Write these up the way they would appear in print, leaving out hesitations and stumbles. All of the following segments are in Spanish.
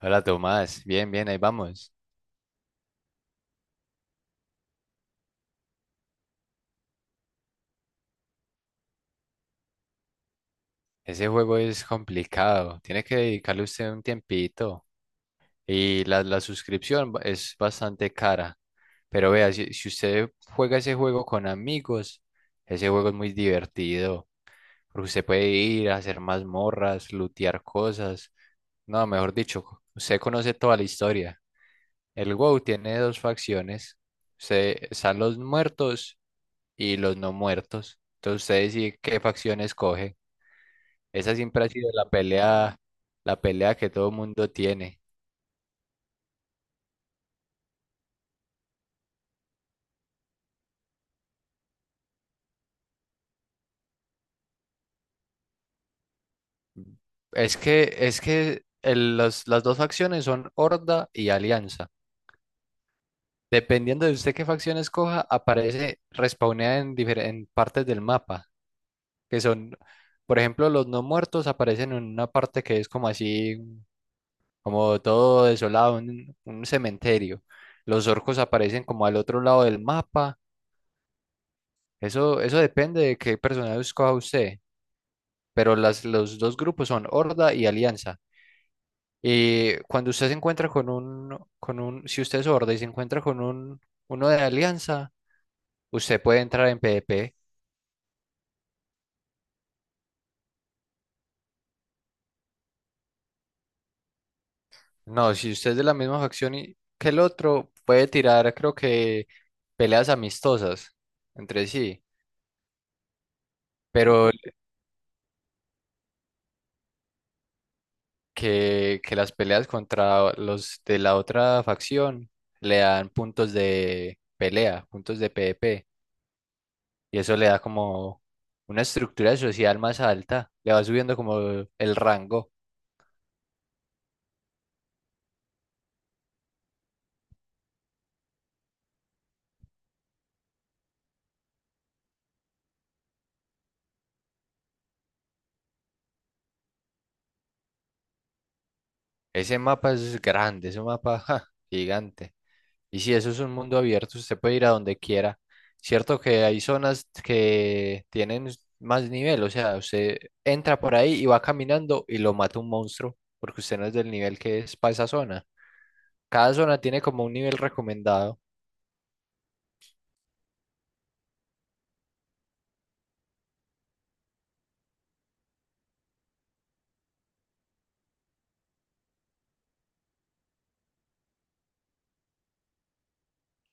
Hola Tomás, bien, bien, ahí vamos. Ese juego es complicado, tiene que dedicarle usted un tiempito y la suscripción es bastante cara, pero vea, si usted juega ese juego con amigos, ese juego es muy divertido, porque usted puede ir a hacer mazmorras, lootear cosas, no, mejor dicho, usted conoce toda la historia. El WoW tiene dos facciones, se están los muertos y los no muertos, entonces usted decide qué facción escoge. Esa siempre ha sido la pelea que todo el mundo tiene. Es que las dos facciones son Horda y Alianza. Dependiendo de usted qué facción escoja, aparece respawnea en, en partes del mapa, que son, por ejemplo, los no muertos aparecen en una parte que es como así, como todo desolado, un cementerio. Los orcos aparecen como al otro lado del mapa. Eso depende de qué personaje escoja usted. Pero los dos grupos son Horda y Alianza. Y cuando usted se encuentra si usted es Horda y se encuentra uno de Alianza, usted puede entrar en PvP. No, si usted es de la misma facción que el otro, puede tirar, creo que, peleas amistosas entre sí, pero que las peleas contra los de la otra facción le dan puntos de pelea, puntos de PvP. Y eso le da como una estructura social más alta, le va subiendo como el rango. Ese mapa es grande, ese mapa ja, gigante. Y si eso es un mundo abierto, usted puede ir a donde quiera. Cierto que hay zonas que tienen más nivel, o sea, usted entra por ahí y va caminando y lo mata un monstruo, porque usted no es del nivel que es para esa zona. Cada zona tiene como un nivel recomendado.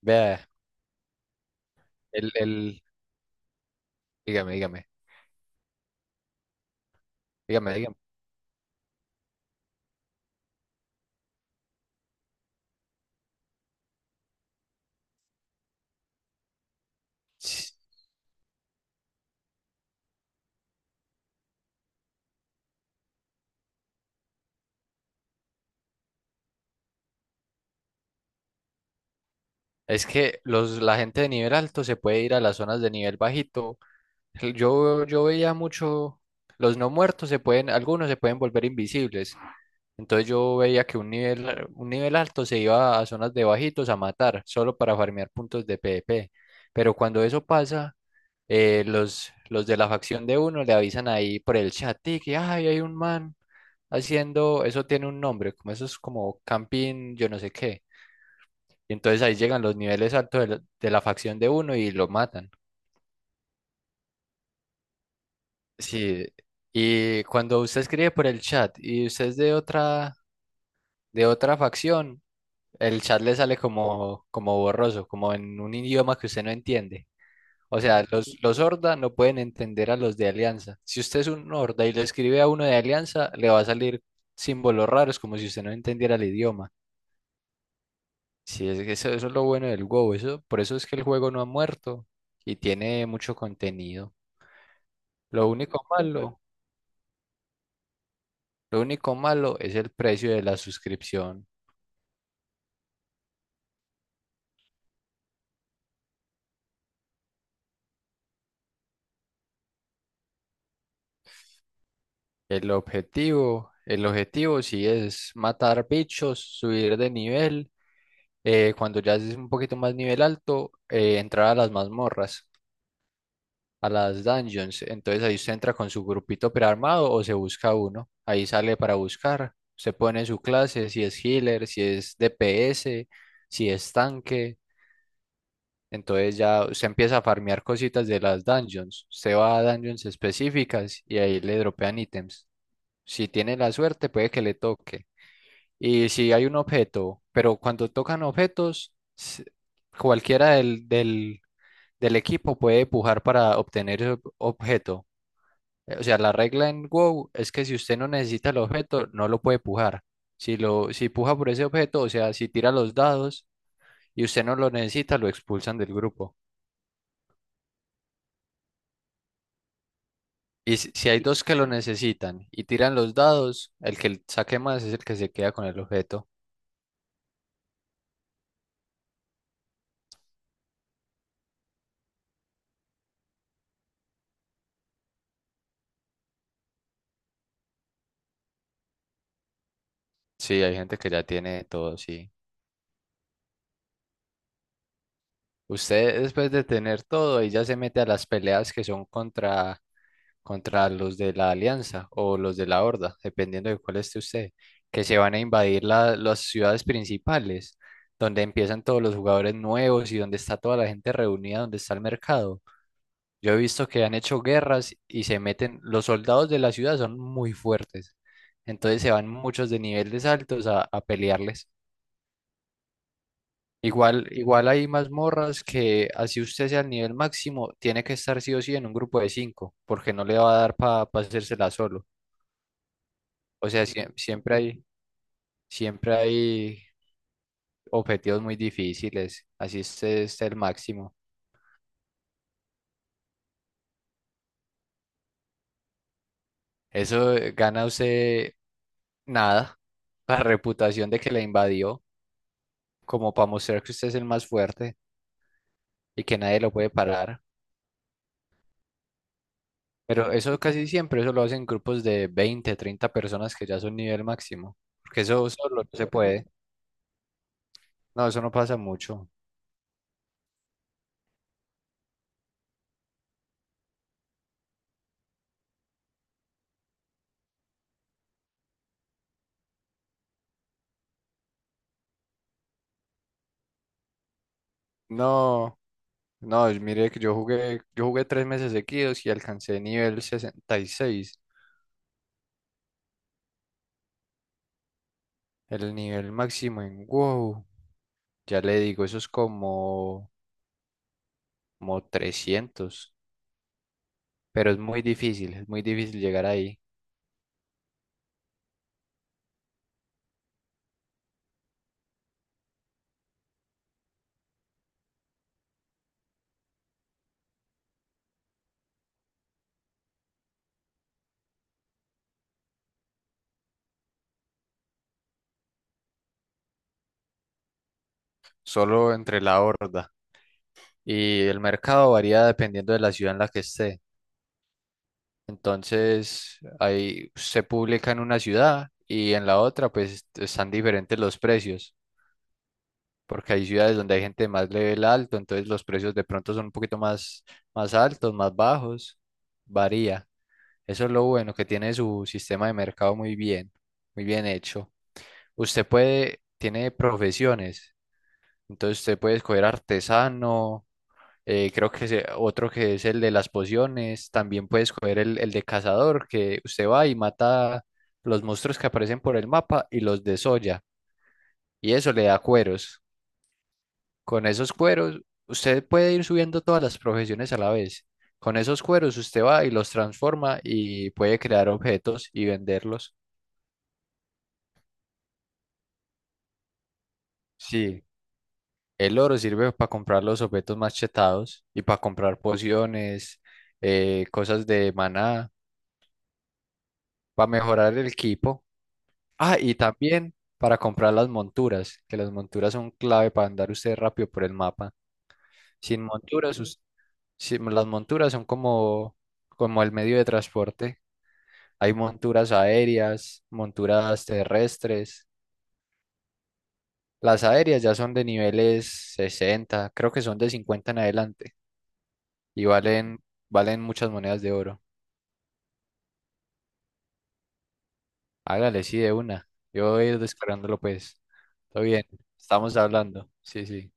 Vea, el, el, dígame, dígame, dígame, dígame. Es que la gente de nivel alto se puede ir a las zonas de nivel bajito. Yo veía mucho, los no muertos se pueden, algunos se pueden volver invisibles. Entonces yo veía que un nivel alto se iba a zonas de bajitos a matar, solo para farmear puntos de PvP. Pero cuando eso pasa, los de la facción de uno le avisan ahí por el chat, "Tic, que "Ay, hay un man haciendo, eso tiene un nombre, como eso es como camping, yo no sé qué. Y entonces ahí llegan los niveles altos de la facción de uno y lo matan. Sí, y cuando usted escribe por el chat y usted es de otra facción, el chat le sale como, como borroso, como en un idioma que usted no entiende. O sea, los horda no pueden entender a los de alianza. Si usted es un horda y le escribe a uno de alianza, le va a salir símbolos raros, como si usted no entendiera el idioma. Sí, es que eso es lo bueno del WoW, eso, por eso es que el juego no ha muerto y tiene mucho contenido. Lo único malo, lo único malo es el precio de la suscripción. El objetivo sí es matar bichos, subir de nivel. Cuando ya es un poquito más nivel alto, entrar a las mazmorras, a las dungeons. Entonces ahí usted entra con su grupito prearmado o se busca uno. Ahí sale para buscar. Se pone su clase, si es healer, si es DPS, si es tanque. Entonces ya usted empieza a farmear cositas de las dungeons. Usted va a dungeons específicas y ahí le dropean ítems. Si tiene la suerte, puede que le toque. Y si hay un objeto, pero cuando tocan objetos, cualquiera del equipo puede pujar para obtener ese objeto. O sea, la regla en WoW es que si usted no necesita el objeto, no lo puede pujar. Si puja por ese objeto, o sea, si tira los dados y usted no lo necesita, lo expulsan del grupo. Y si hay dos que lo necesitan y tiran los dados, el que saque más es el que se queda con el objeto. Sí, hay gente que ya tiene todo, sí. Usted después de tener todo, ahí ya se mete a las peleas que son contra los de la Alianza o los de la Horda, dependiendo de cuál esté usted, que se van a invadir las ciudades principales, donde empiezan todos los jugadores nuevos y donde está toda la gente reunida, donde está el mercado. Yo he visto que han hecho guerras y se meten, los soldados de la ciudad son muy fuertes, entonces se van muchos de niveles altos a pelearles. Igual, igual hay mazmorras que así usted sea el nivel máximo, tiene que estar sí o sí en un grupo de 5, porque no le va a dar para hacérsela solo. O sea, siempre hay objetivos muy difíciles, así usted esté el máximo. Eso gana usted nada, la reputación de que le invadió, como para mostrar que usted es el más fuerte y que nadie lo puede parar. Pero eso casi siempre, eso lo hacen grupos de 20, 30 personas que ya son nivel máximo, porque eso solo no se puede. No, eso no pasa mucho. No, no, mire que yo jugué 3 meses seguidos y alcancé nivel 66, el nivel máximo en WoW. Ya le digo, eso es como, como 300, pero es muy difícil llegar ahí, solo entre la horda. Y el mercado varía dependiendo de la ciudad en la que esté. Entonces, ahí se publica en una ciudad y en la otra, pues están diferentes los precios, porque hay ciudades donde hay gente de más level alto, entonces los precios de pronto son un poquito más, más altos, más bajos, varía. Eso es lo bueno, que tiene su sistema de mercado muy bien hecho. Usted puede, tiene profesiones, entonces usted puede escoger artesano. Creo que otro que es el de las pociones. También puedes coger el de cazador, que usted va y mata los monstruos que aparecen por el mapa y los desolla. Y eso le da cueros. Con esos cueros, usted puede ir subiendo todas las profesiones a la vez. Con esos cueros, usted va y los transforma y puede crear objetos y venderlos. Sí, el oro sirve para comprar los objetos machetados y para comprar pociones, cosas de maná, para mejorar el equipo. Ah, y también para comprar las monturas, que las monturas son clave para andar usted rápido por el mapa. Sin monturas... Ok. Las monturas son como, como el medio de transporte. Hay monturas aéreas, monturas terrestres. Las aéreas ya son de niveles 60, creo que son de 50 en adelante y valen, valen muchas monedas de oro. Hágale, sí, de una. Yo voy a ir descargándolo, pues. Todo bien, estamos hablando. Sí, sí.